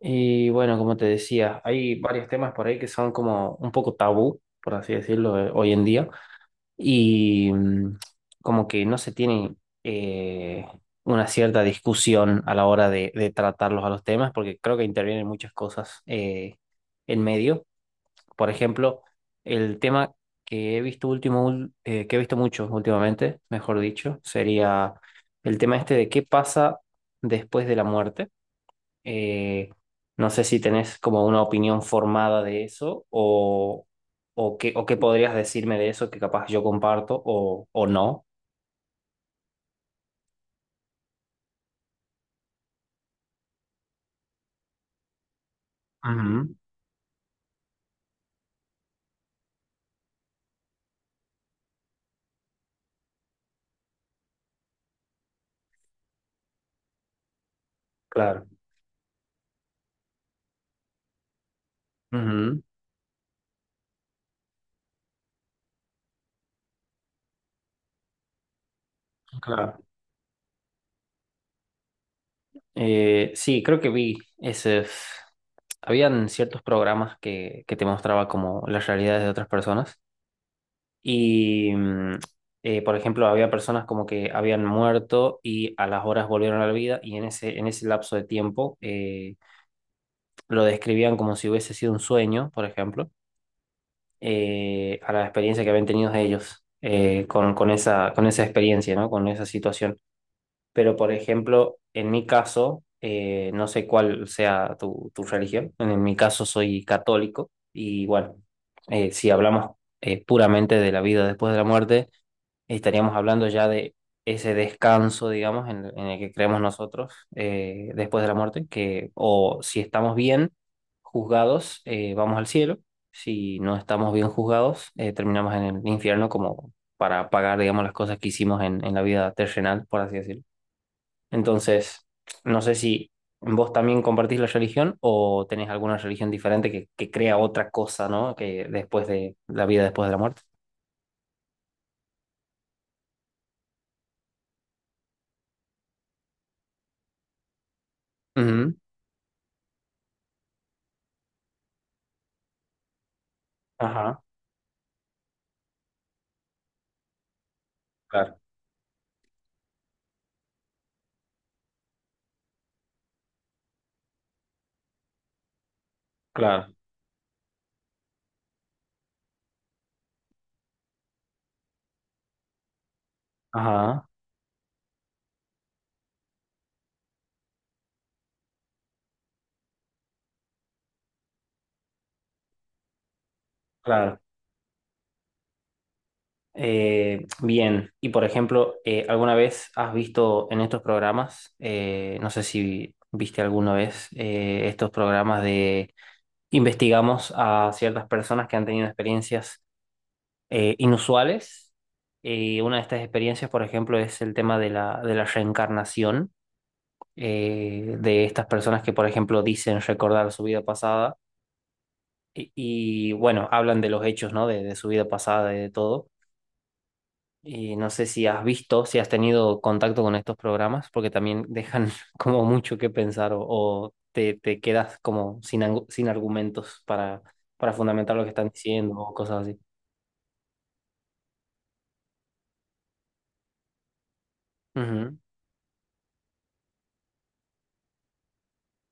Y bueno, como te decía, hay varios temas por ahí que son como un poco tabú, por así decirlo, hoy en día, y mm, como que no se tiene eh, una cierta discusión a la hora de tratarlos a los temas, porque creo que intervienen muchas cosas en medio. Por ejemplo, el tema que he visto último, que he visto mucho últimamente, mejor dicho, sería el tema este de qué pasa después de la muerte. eh, no sé si tenés como una opinión formada de o qué podrías decirme de eso que capaz yo comparto o no. Ujú. Claro. Ujú. Claro. Sí, creo que vi ese... Habían ciertos programas que te mostraba como las realidades de otras personas y por ejemplo, había personas como que habían muerto y a las horas volvieron a la vida y en en ese lapso de tiempo lo describían como si hubiese sido un sueño, por ejemplo, a la experiencia que habían tenido ellos con esa experiencia, ¿no? Con esa situación. Pero, por ejemplo, en mi caso, no sé cuál sea tu religión, en mi caso soy católico y bueno, si hablamos puramente de la vida después de la muerte, estaríamos hablando ya de ese descanso, digamos, en el que creemos nosotros después de la muerte, que o si estamos bien juzgados, vamos al cielo, si no estamos bien juzgados, terminamos en el infierno como para pagar, digamos, las cosas que hicimos en la vida terrenal, por así decirlo. Entonces, no sé si vos también compartís la religión o tenés alguna religión diferente que crea otra cosa, ¿no? Que después de la vida después de la muerte. Ujú. Ajá, claro, claro. Ajá, claro. Bien, y por ejemplo, ¿alguna vez has visto en estos programas, no sé si viste alguna vez estos programas de investigamos a ciertas personas que han tenido experiencias inusuales? Una de estas experiencias, por ejemplo, es el tema de de la reencarnación, de estas personas que, por ejemplo, dicen recordar su vida pasada y bueno, hablan de los hechos, ¿no? De su vida pasada y de todo. Y no sé si has visto, si has tenido contacto con estos programas, porque también dejan como mucho que pensar te quedas como sin, sin argumentos para fundamentar lo que están diciendo o cosas así. Ujú.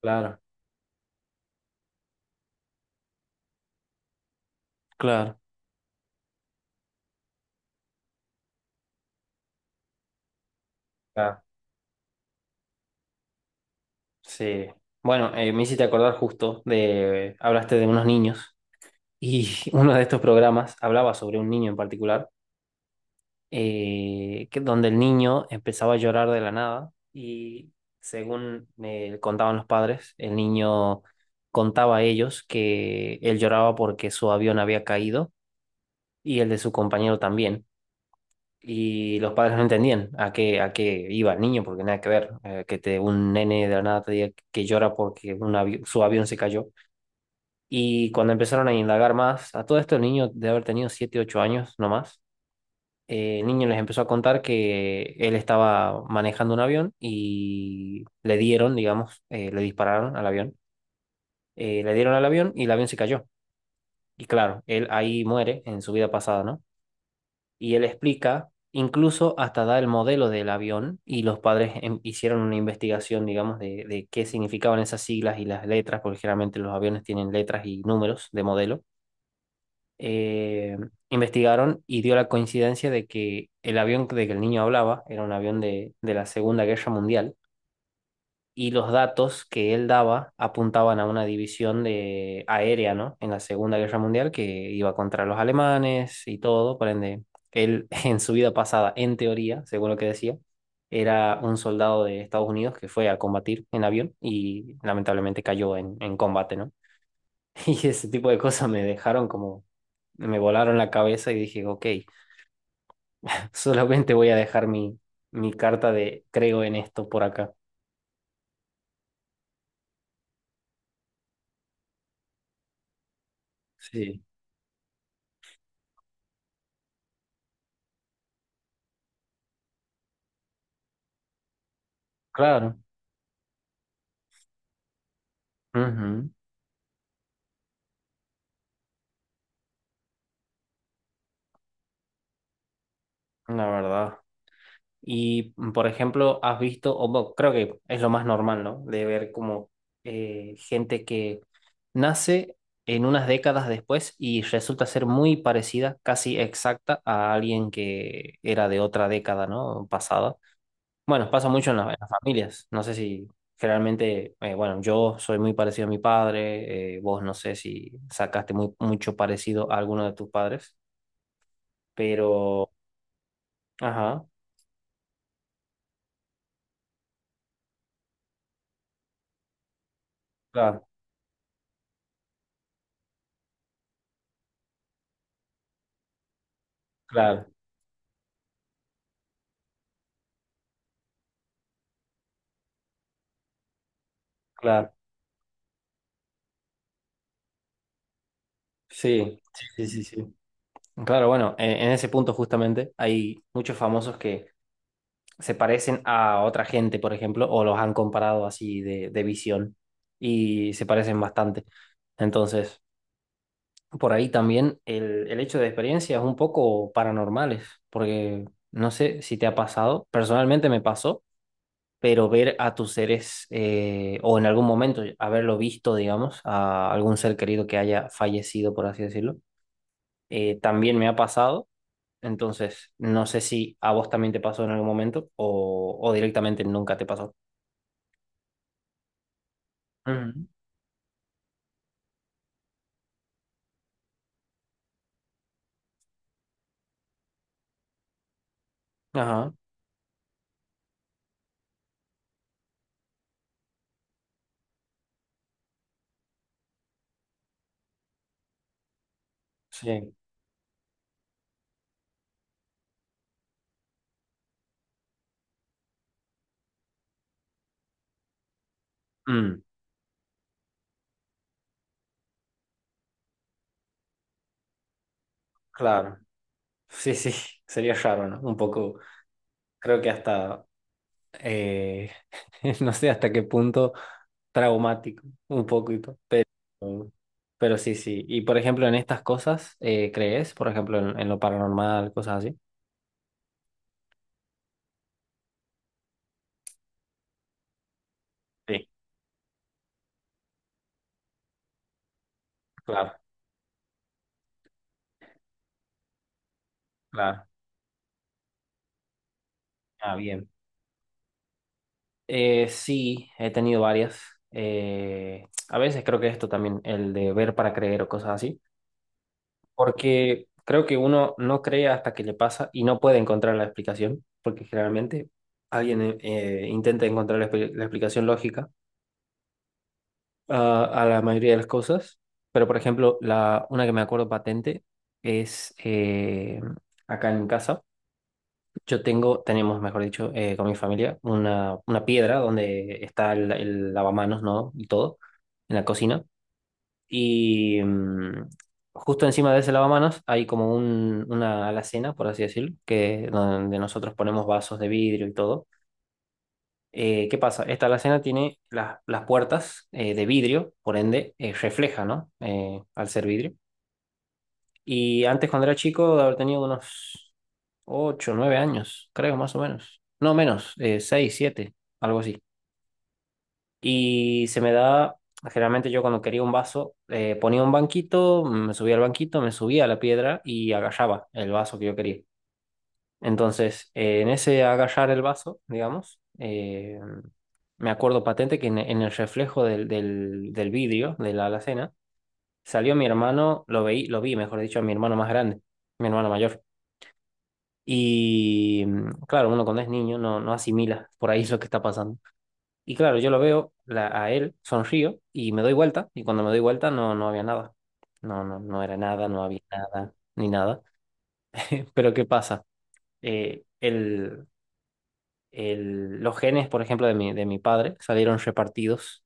Claro, claro, claro. Sí. Bueno, me hiciste acordar justo de, hablaste de unos niños y uno de estos programas hablaba sobre un niño en particular donde el niño empezaba a llorar de la nada y según me contaban los padres, el niño contaba a ellos que él lloraba porque su avión había caído y el de su compañero también. Y los padres no entendían a a qué iba el niño, porque nada que ver, un nene de la nada te diga que llora porque un su avión se cayó. Y cuando empezaron a indagar más, a todo esto el niño de haber tenido 7 8 años, no más el niño les empezó a contar que él estaba manejando un avión y le dieron, digamos, le dispararon al avión. Le dieron al avión y el avión se cayó. Y claro, él ahí muere en su vida pasada, ¿no? Y él explica, incluso hasta da el modelo del avión y los padres hicieron una investigación, digamos, de qué significaban esas siglas y las letras, porque generalmente los aviones tienen letras y números de modelo. eh, Investigaron y dio la coincidencia de que el avión de que el niño hablaba era un avión de la Segunda Guerra Mundial y los datos que él daba apuntaban a una división de aérea, ¿no? En la Segunda Guerra Mundial que iba contra los alemanes y todo, por ende, él en su vida pasada, en teoría, según lo que decía, era un soldado de Estados Unidos que fue a combatir en avión y lamentablemente cayó en combate, ¿no? Y ese tipo de cosas me dejaron como, me volaron la cabeza y dije, ok, solamente voy a dejar mi, mi carta de creo en esto por acá. Sí. Claro, ujú. La verdad. Y, mm, por ejemplo, has visto, o bueno, creo que es lo más normal, ¿no? De ver como gente que nace en unas décadas después y resulta ser muy parecida, casi exacta, a alguien que era de otra década, ¿no? Pasada. Bueno, pasa mucho en, en las familias. No sé si generalmente, bueno, yo soy muy parecido a mi padre, vos no sé si sacaste mucho parecido a alguno de tus padres, pero... Ajá, claro, claro, claro. Sí, sí, sí, sí, sí. Claro, bueno, en ese punto justamente hay muchos famosos que se parecen a otra gente, por ejemplo, o los han comparado así de visión y se parecen bastante. Entonces... por ahí también el hecho de experiencias un poco paranormales, porque no sé si te ha pasado, personalmente me pasó, pero ver a tus seres o en algún momento haberlo visto, digamos, a algún ser querido que haya fallecido, por así decirlo, también me ha pasado. Entonces, no sé si a vos también te pasó en algún momento o directamente nunca te pasó. Ujú. Ajá, sí. Mm, claro. Sí, sí, sería raro, ¿no? Un poco, creo que hasta eh, no sé hasta qué punto traumático, un poquito, pero sí, sí. Y por ejemplo, en estas cosas, ¿crees? Por ejemplo, en lo paranormal, cosas así. Sí, claro, claro. Ah, bien. Sí, he tenido varias. A veces creo que esto también, el de ver para creer o cosas así, porque creo que uno no cree hasta que le pasa y no puede encontrar la explicación, porque generalmente alguien intenta encontrar la la explicación lógica a la mayoría de las cosas, pero por ejemplo, la, una que me acuerdo patente es acá en casa. Yo tengo, tenemos, mejor dicho, con mi familia, una piedra donde está el lavamanos, ¿no? Y todo, en la cocina. Y mm, justo encima de ese lavamanos hay como una alacena, por así decirlo, donde nosotros ponemos vasos de vidrio y todo. ¿Qué pasa? Esta alacena tiene las puertas de vidrio, por ende refleja, ¿no? Al ser vidrio. Y antes, cuando era chico, de haber tenido unos 8 9 años, creo, más o menos. No menos, 6 7 algo así. Y se me da, generalmente yo cuando quería un vaso, ponía un banquito, me subía al banquito, me subía a la piedra y agarraba el vaso que yo quería. Entonces, en ese agarrar el vaso, digamos, me acuerdo patente que en el reflejo del del vidrio de la alacena salió mi hermano, lo vi, mejor dicho, a mi hermano más grande, mi hermano mayor. Claro, uno cuando es niño no asimila por ahí lo que está pasando. Y claro, yo lo veo a él, sonrío y me doy vuelta. Y cuando me doy vuelta no había nada. No, no, no era nada, no había nada, ni nada. Pero ¿qué pasa? Eh, el, los genes, por ejemplo, de de mi padre salieron repartidos.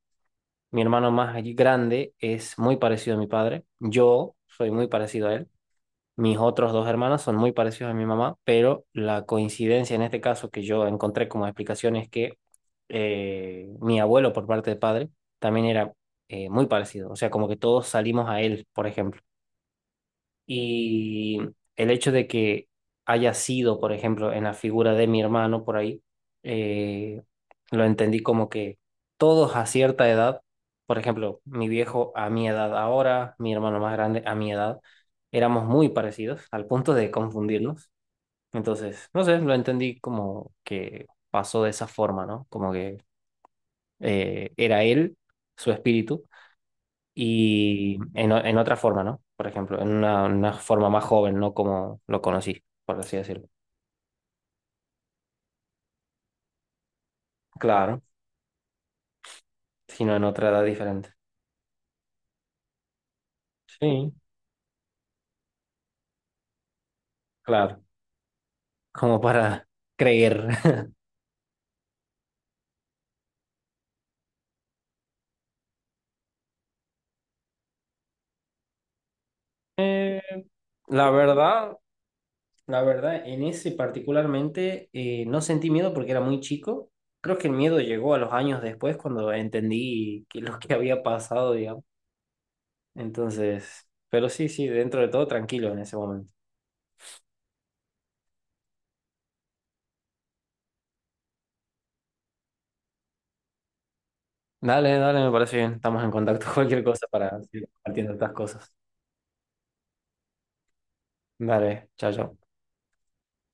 Mi hermano más allí grande es muy parecido a mi padre. Yo soy muy parecido a él. Mis otros dos hermanos son muy parecidos a mi mamá, pero la coincidencia en este caso que yo encontré como explicación es que mi abuelo por parte de padre también era muy parecido. O sea, como que todos salimos a él, por ejemplo. Y el hecho de que haya sido, por ejemplo, en la figura de mi hermano por ahí, eh, lo entendí como que todos a cierta edad, por ejemplo, mi viejo a mi edad ahora, mi hermano más grande a mi edad, éramos muy parecidos al punto de confundirnos. Entonces, no sé, lo entendí como que pasó de esa forma, ¿no? Como que era él, su espíritu y en otra forma, ¿no? Por ejemplo, en una forma más joven, no como lo conocí, por así decirlo. Claro, sino en otra edad diferente. Sí, claro, como para creer. Eh, la verdad, la verdad, en ese particularmente no sentí miedo porque era muy chico. Creo que el miedo llegó a los años después cuando entendí que lo que había pasado, digamos. Entonces, pero sí, sí, dentro de todo tranquilo en ese momento. Dale, dale, me parece bien. Estamos en contacto. Cualquier cosa para seguir compartiendo estas cosas. Dale, chao, chao.